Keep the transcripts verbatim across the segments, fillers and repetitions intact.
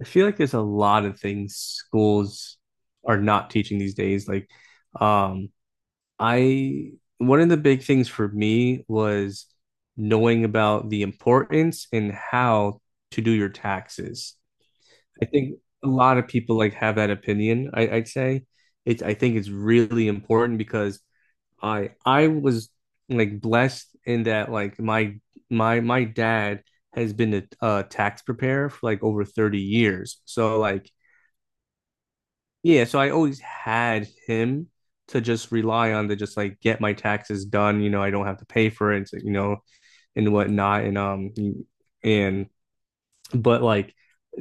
I feel like there's a lot of things schools are not teaching these days. Like, um, I one of the big things for me was knowing about the importance and how to do your taxes. I think a lot of people like have that opinion. I, I'd say it's I think it's really important because I I was like blessed in that like my my my dad has been a, a tax preparer for like over thirty years. So like yeah, so I always had him to just rely on to just like get my taxes done. You know, I don't have to pay for it, you know, and whatnot. And um, and but like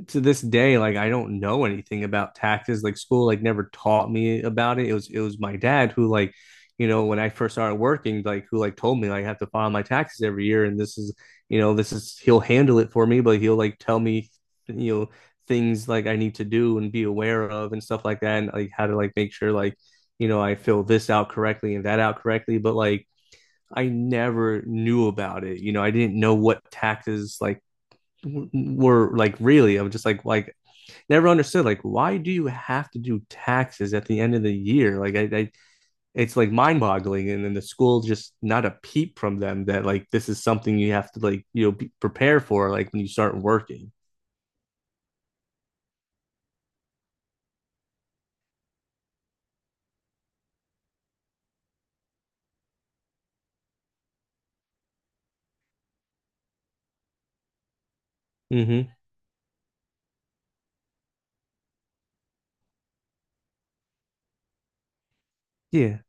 to this day, like I don't know anything about taxes. Like school, like never taught me about it. It was it was my dad who like, you know, when I first started working, like who like told me like, I have to file my taxes every year, and this is you know this is he'll handle it for me, but he'll like tell me you know things like I need to do and be aware of and stuff like that, and like how to like make sure like you know I fill this out correctly and that out correctly. But like I never knew about it. You know, I didn't know what taxes like were like really i'm just like like never understood like why do you have to do taxes at the end of the year like i, I it's like mind boggling. And then the school just not a peep from them that like this is something you have to like you know be, prepare for like when you start working. Mm-hmm. Yeah,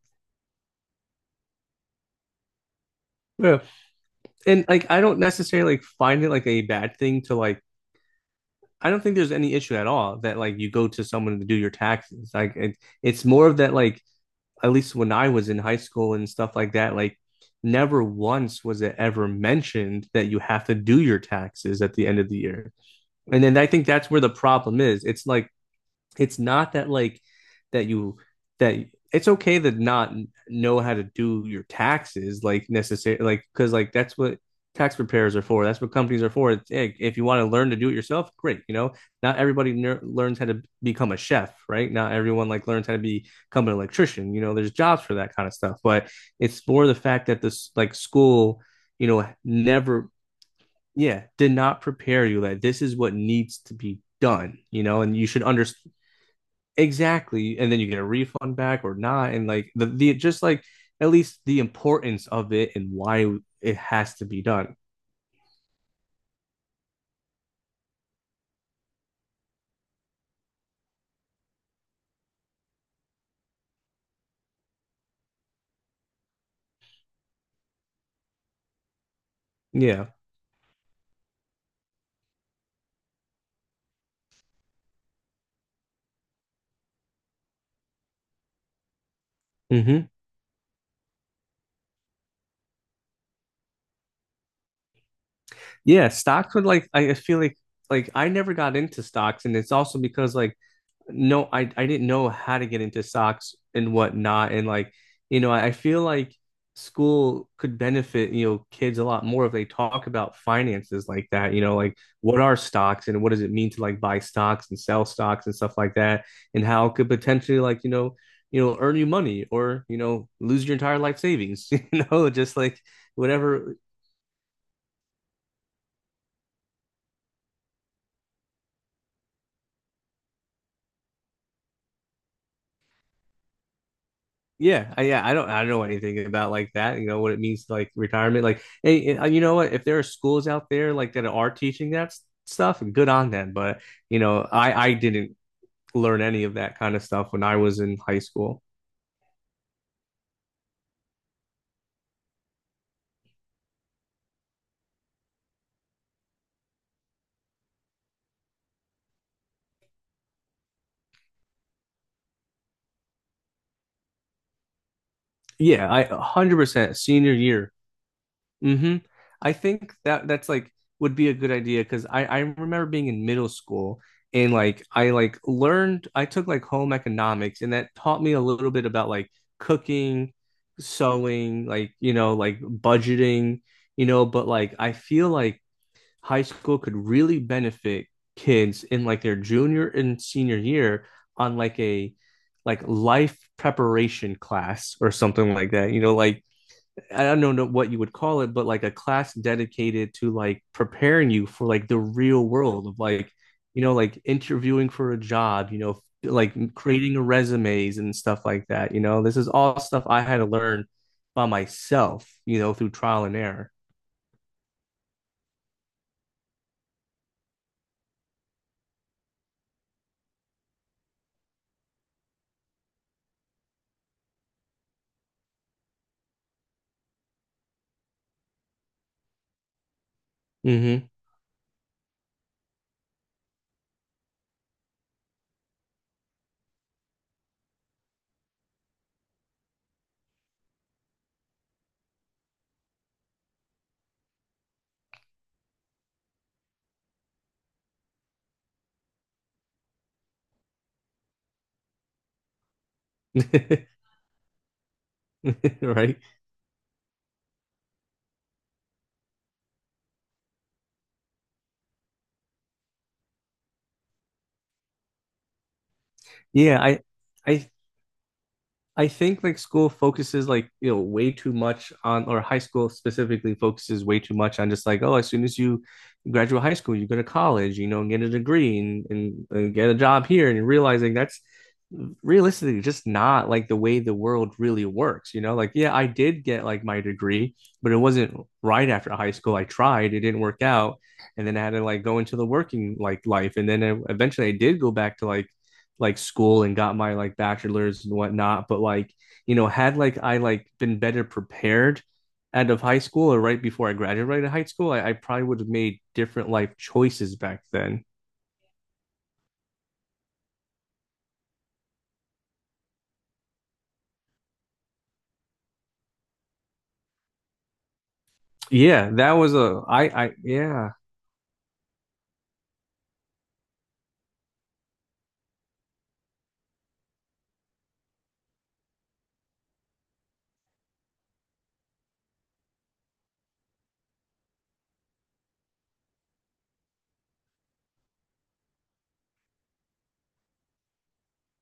yeah, and like I don't necessarily like find it like a bad thing to like, I don't think there's any issue at all that like you go to someone to do your taxes. Like it, it's more of that like at least when I was in high school and stuff like that, like never once was it ever mentioned that you have to do your taxes at the end of the year. And then I think that's where the problem is. It's like it's not that like that you that it's okay to not know how to do your taxes like necessarily, like because like that's what tax preparers are for. That's what companies are for. Hey, if you want to learn to do it yourself, great. You know, not everybody ner- learns how to become a chef, right? Not everyone like learns how to be, become an electrician. You know, there's jobs for that kind of stuff. But it's more the fact that this like school, you know, never, yeah, did not prepare you that this is what needs to be done. You know, and you should understand exactly. And then you get a refund back or not, and like the, the just like at least the importance of it and why it has to be done. Yeah. Hmm. Yeah, stocks would like i I feel like like I never got into stocks, and it's also because like no, I I didn't know how to get into stocks and whatnot. And like, you know, I, I feel like school could benefit, you know, kids a lot more if they talk about finances like that, you know, like what are stocks and what does it mean to like buy stocks and sell stocks and stuff like that, and how it could potentially like, you know, you know, earn you money or, you know, lose your entire life savings, you know, just like whatever. Yeah, I, yeah, I don't, I don't know anything about like that. You know what it means, like retirement. Like, hey, and, uh, you know what? If there are schools out there like that are teaching that s- stuff, good on them. But you know, I, I didn't learn any of that kind of stuff when I was in high school. Yeah, I one hundred percent senior year. Hmm. I think that that's like would be a good idea because I I remember being in middle school, and like I like learned I took like home economics and that taught me a little bit about like cooking, sewing, like you know like budgeting, you know, but like I feel like high school could really benefit kids in like their junior and senior year on like a like life preparation class or something like that. You know, like I don't know what you would call it, but like a class dedicated to like preparing you for like the real world of like, you know, like interviewing for a job, you know, like creating resumes and stuff like that. You know, this is all stuff I had to learn by myself, you know, through trial and error. Mm-hmm. Right. Yeah. I, I I think like school focuses like you know way too much on, or high school specifically focuses way too much on just like, oh, as soon as you graduate high school you go to college, you know, and get a degree and, and, and get a job here, and you're realizing that's realistically just not like the way the world really works, you know. Like yeah, I did get like my degree, but it wasn't right after high school. I tried, it didn't work out, and then I had to like go into the working like life, and then I, eventually I did go back to like like school and got my like bachelor's and whatnot. But like, you know, had like I like been better prepared out of high school or right before I graduated high school, I, I probably would have made different life choices back then. Yeah, that was a I I yeah.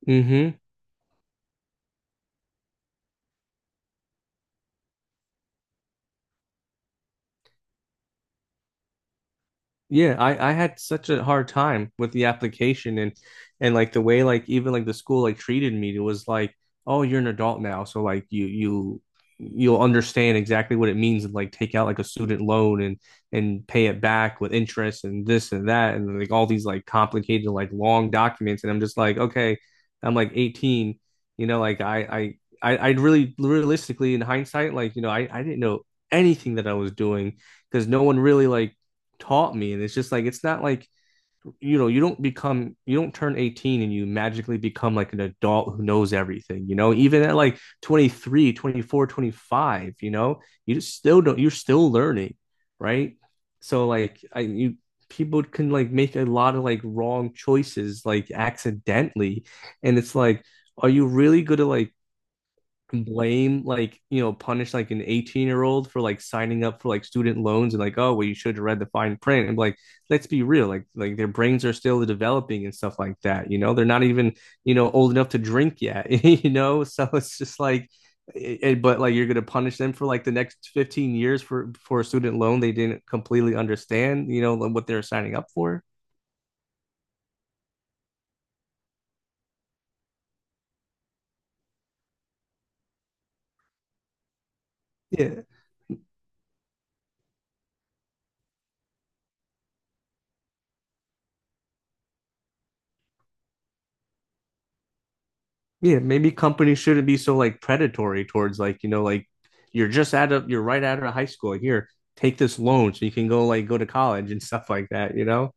Mm-hmm. Yeah, I I had such a hard time with the application, and and like the way like even like the school like treated me, it was like, oh, you're an adult now, so like you you you'll understand exactly what it means and like take out like a student loan and and pay it back with interest and this and that and like all these like complicated like long documents, and I'm just like, okay, I'm like eighteen, you know, like I I I I really realistically in hindsight, like, you know, I I didn't know anything that I was doing because no one really like taught me, and it's just like it's not like you know you don't become, you don't turn eighteen and you magically become like an adult who knows everything, you know, even at like twenty three, twenty four, twenty five. You know, you just still don't, you're still learning, right? So like I you people can like make a lot of like wrong choices like accidentally, and it's like are you really good at like blame like you know punish like an eighteen year old for like signing up for like student loans and like, oh well, you should have read the fine print, and like let's be real, like like their brains are still developing and stuff like that, you know, they're not even you know old enough to drink yet you know, so it's just like it, it- but like you're going to punish them for like the next fifteen years for for a student loan they didn't completely understand, you know, like, what they're signing up for. Yeah. Yeah, maybe companies shouldn't be so like predatory towards like, you know, like you're just out of, you're right out of high school. Here, take this loan so you can go like go to college and stuff like that, you know?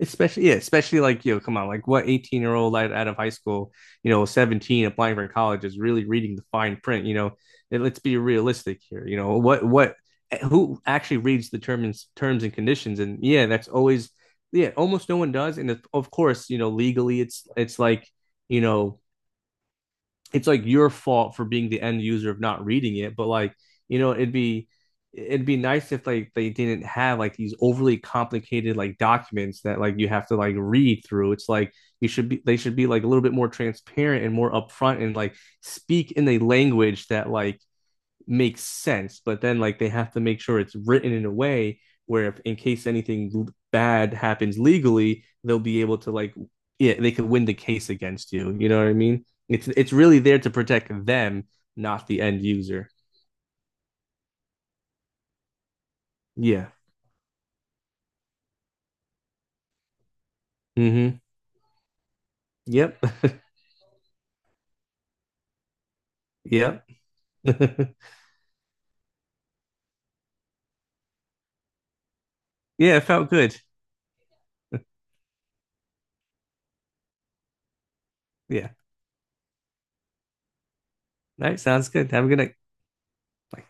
Especially yeah, especially like, you know, come on, like what eighteen year old out, out of high school, you know, seventeen applying for college is really reading the fine print, you know. And let's be realistic here. You know, what what eh, who actually reads the terms terms and conditions? And yeah, that's always yeah, almost no one does. And of course, you know, legally it's it's like, you know, it's like your fault for being the end user of not reading it, but like, you know, it'd be it'd be nice if like they didn't have like these overly complicated like documents that like you have to like read through. It's like you should be they should be like a little bit more transparent and more upfront and like speak in a language that like makes sense, but then like they have to make sure it's written in a way where if in case anything bad happens legally, they'll be able to like yeah, they could win the case against you. You know what I mean? It's it's really there to protect them, not the end user. Yeah. Mm-hmm. Yep. Yep. Yeah, it felt good. Yeah. All right, sounds good. Have a good night. Bye.